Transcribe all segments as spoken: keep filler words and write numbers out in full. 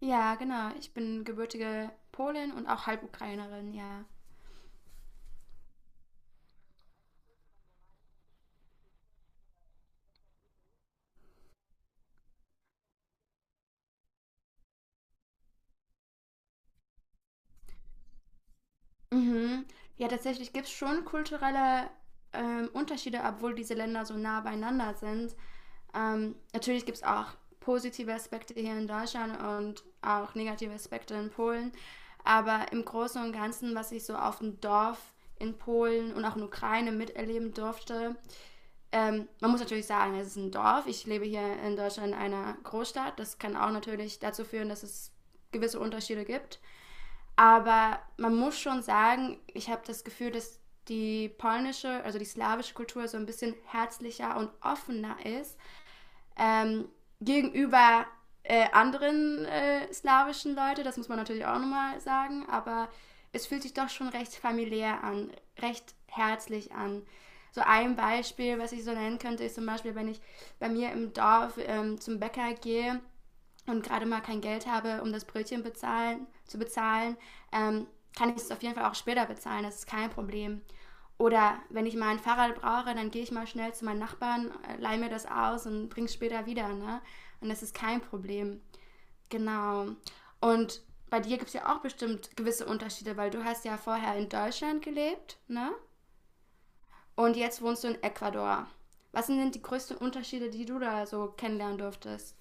Ja, genau. Ich bin gebürtige Polin und auch Halbukrainerin, ja. Mhm. Ja, tatsächlich gibt es schon kulturelle ähm, Unterschiede, obwohl diese Länder so nah beieinander sind. Ähm, natürlich gibt es auch positive Aspekte hier in Deutschland und auch negative Aspekte in Polen. Aber im Großen und Ganzen, was ich so auf dem Dorf in Polen und auch in Ukraine miterleben durfte, Ähm, man muss natürlich sagen, es ist ein Dorf. Ich lebe hier in Deutschland in einer Großstadt. Das kann auch natürlich dazu führen, dass es gewisse Unterschiede gibt. Aber man muss schon sagen, ich habe das Gefühl, dass die polnische, also die slawische Kultur so ein bisschen herzlicher und offener ist ähm, gegenüber äh, anderen äh, slawischen Leute, das muss man natürlich auch nochmal sagen, aber es fühlt sich doch schon recht familiär an, recht herzlich an. So ein Beispiel, was ich so nennen könnte, ist zum Beispiel, wenn ich bei mir im Dorf ähm, zum Bäcker gehe und gerade mal kein Geld habe, um das Brötchen bezahlen, zu bezahlen, ähm, kann ich es auf jeden Fall auch später bezahlen, das ist kein Problem. Oder wenn ich mal ein Fahrrad brauche, dann gehe ich mal schnell zu meinen Nachbarn, äh, leihe mir das aus und bringe es später wieder. Ne? Und das ist kein Problem. Genau. Und bei dir gibt es ja auch bestimmt gewisse Unterschiede, weil du hast ja vorher in Deutschland gelebt, ne? Und jetzt wohnst du in Ecuador. Was sind denn die größten Unterschiede, die du da so kennenlernen durftest?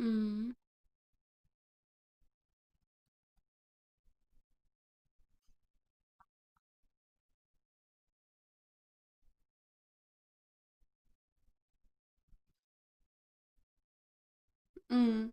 Mm. Mm.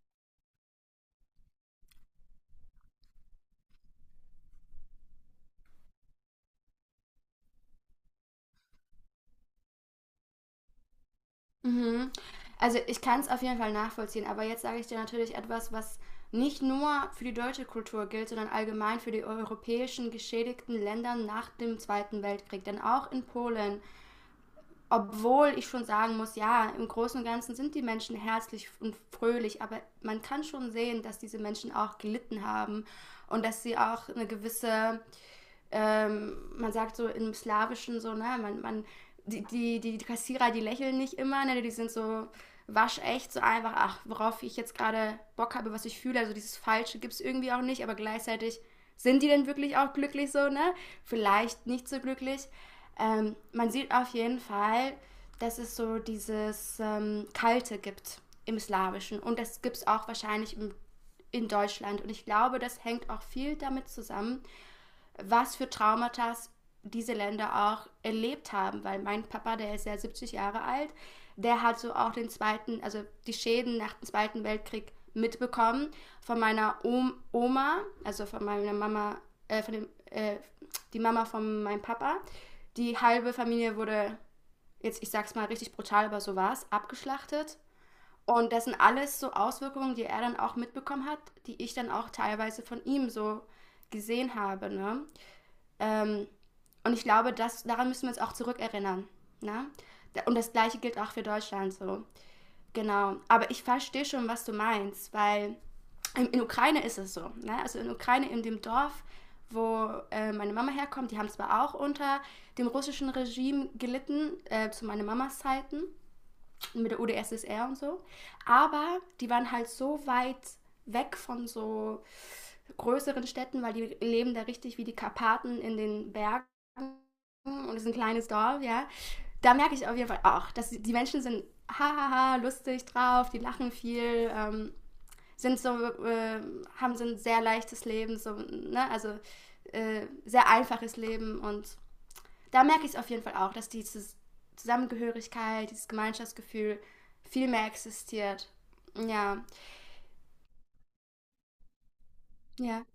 Mhm. Also ich kann es auf jeden Fall nachvollziehen, aber jetzt sage ich dir natürlich etwas, was nicht nur für die deutsche Kultur gilt, sondern allgemein für die europäischen geschädigten Länder nach dem Zweiten Weltkrieg. Denn auch in Polen, obwohl ich schon sagen muss, ja, im Großen und Ganzen sind die Menschen herzlich und fröhlich, aber man kann schon sehen, dass diese Menschen auch gelitten haben und dass sie auch eine gewisse ähm, man sagt so im Slawischen so, ne, man, man, die, die, die Kassierer, die lächeln nicht immer, ne, die sind so waschecht, so einfach, ach, worauf ich jetzt gerade Bock habe, was ich fühle, also dieses Falsche gibt es irgendwie auch nicht, aber gleichzeitig sind die denn wirklich auch glücklich so, ne? Vielleicht nicht so glücklich. Ähm, man sieht auf jeden Fall, dass es so dieses ähm, Kalte gibt im Slawischen und das gibt es auch wahrscheinlich im, in Deutschland und ich glaube, das hängt auch viel damit zusammen, was für Traumata diese Länder auch erlebt haben, weil mein Papa, der ist ja siebzig Jahre alt, der hat so auch den zweiten, also die Schäden nach dem Zweiten Weltkrieg mitbekommen von meiner Oma, also von meiner Mama, äh, von dem, äh, die Mama von meinem Papa. Die halbe Familie wurde, jetzt ich sag's mal richtig brutal, aber so war's, abgeschlachtet. Und das sind alles so Auswirkungen, die er dann auch mitbekommen hat, die ich dann auch teilweise von ihm so gesehen habe. Ne? Ähm, und ich glaube, das, daran müssen wir uns auch zurückerinnern. Ne? Und das Gleiche gilt auch für Deutschland so. Genau. Aber ich verstehe schon, was du meinst, weil in, in Ukraine ist es so. Ne? Also in Ukraine, in dem Dorf, wo äh, meine Mama herkommt, die haben zwar auch unter dem russischen Regime gelitten, äh, zu meiner Mamas Zeiten, mit der UdSSR und so, aber die waren halt so weit weg von so größeren Städten, weil die leben da richtig wie die Karpaten in den Bergen und es ist ein kleines Dorf, ja. Da merke ich auf jeden Fall auch, dass die Menschen sind hahaha, lustig drauf, die lachen viel, ähm, sind so, äh, haben so ein sehr leichtes Leben, so, ne, also äh, sehr einfaches Leben und da merke ich es auf jeden Fall auch, dass diese Zusammengehörigkeit, dieses Gemeinschaftsgefühl viel mehr existiert. Ja, ja.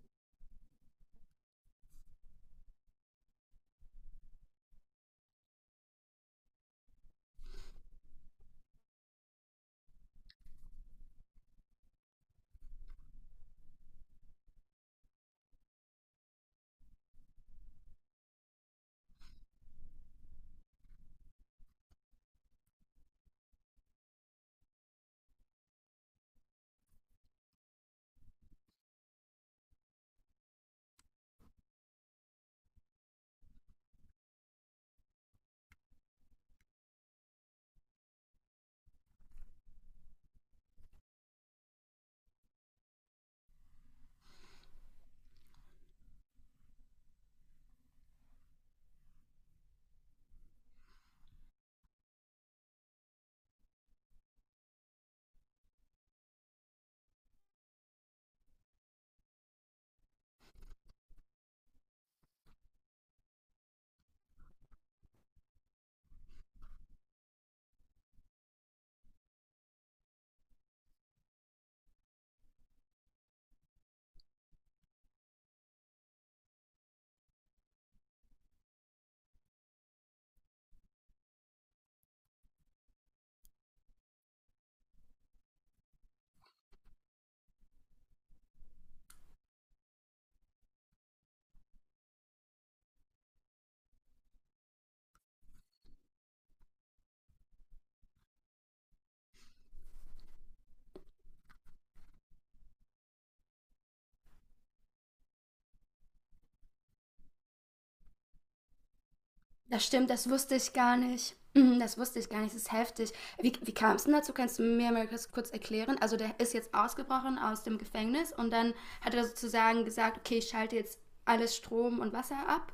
Das stimmt, das wusste ich gar nicht. Mhm. Das wusste ich gar nicht, das ist heftig. Wie, wie kam es denn dazu? Kannst du mir mal kurz, kurz erklären? Also der ist jetzt ausgebrochen aus dem Gefängnis und dann hat er sozusagen gesagt, okay, ich schalte jetzt alles Strom und Wasser ab.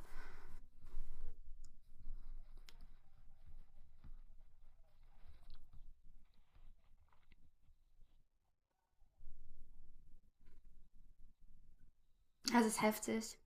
Das ist heftig.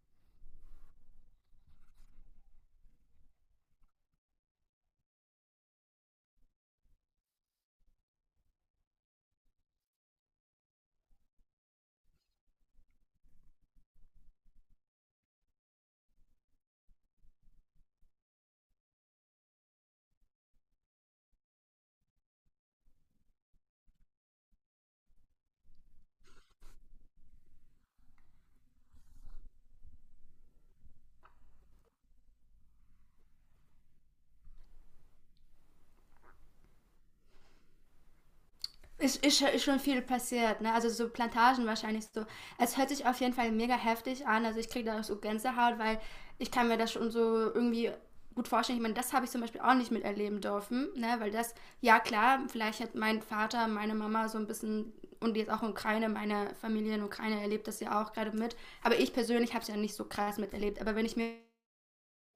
Ist, ist, schon- ist schon viel passiert, ne? Also so Plantagen wahrscheinlich so. Es hört sich auf jeden Fall mega heftig an. Also ich kriege da auch so Gänsehaut, weil ich kann mir das schon so irgendwie gut vorstellen. Ich meine, das habe ich zum Beispiel auch nicht miterleben dürfen, ne? Weil das, ja klar, vielleicht hat mein Vater, meine Mama so ein bisschen und jetzt auch in Ukraine, meine Familie in Ukraine erlebt das ja auch gerade mit. Aber ich persönlich habe es ja nicht so krass miterlebt. Aber wenn ich mir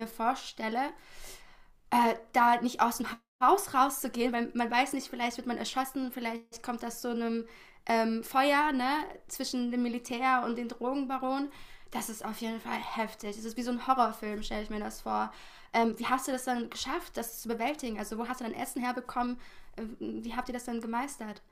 vorstelle, äh, da nicht aus dem Haus rauszugehen, weil man weiß nicht, vielleicht wird man erschossen, vielleicht kommt das zu einem ähm, Feuer ne, zwischen dem Militär und den Drogenbaronen. Das ist auf jeden Fall heftig. Das ist wie so ein Horrorfilm, stelle ich mir das vor. Ähm, wie hast du das dann geschafft, das zu bewältigen? Also wo hast du dann Essen herbekommen? Ähm, Wie habt ihr das dann gemeistert?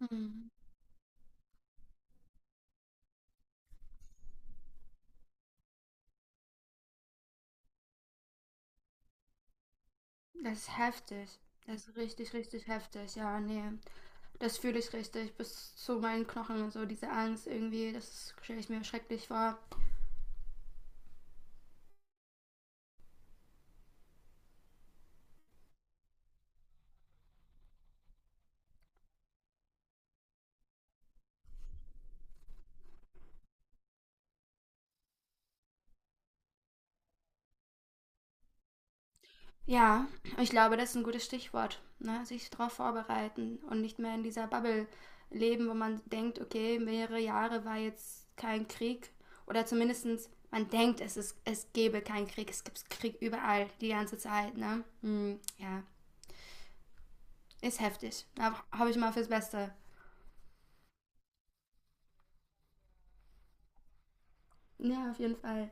Mhm. Das ist heftig. Das ist richtig, richtig heftig. Ja, nee. Das fühle ich richtig bis zu meinen Knochen und so. Diese Angst irgendwie, das stelle ich mir schrecklich vor. Ja, ich glaube, das ist ein gutes Stichwort. Ne? Sich darauf vorbereiten und nicht mehr in dieser Bubble leben, wo man denkt, okay, mehrere Jahre war jetzt kein Krieg. Oder zumindestens man denkt, es, ist, es gäbe keinen Krieg. Es gibt Krieg überall, die ganze Zeit. Ne? Hm, ja, ist heftig. Aber hoffe ich mal fürs Beste. Ja, auf jeden Fall.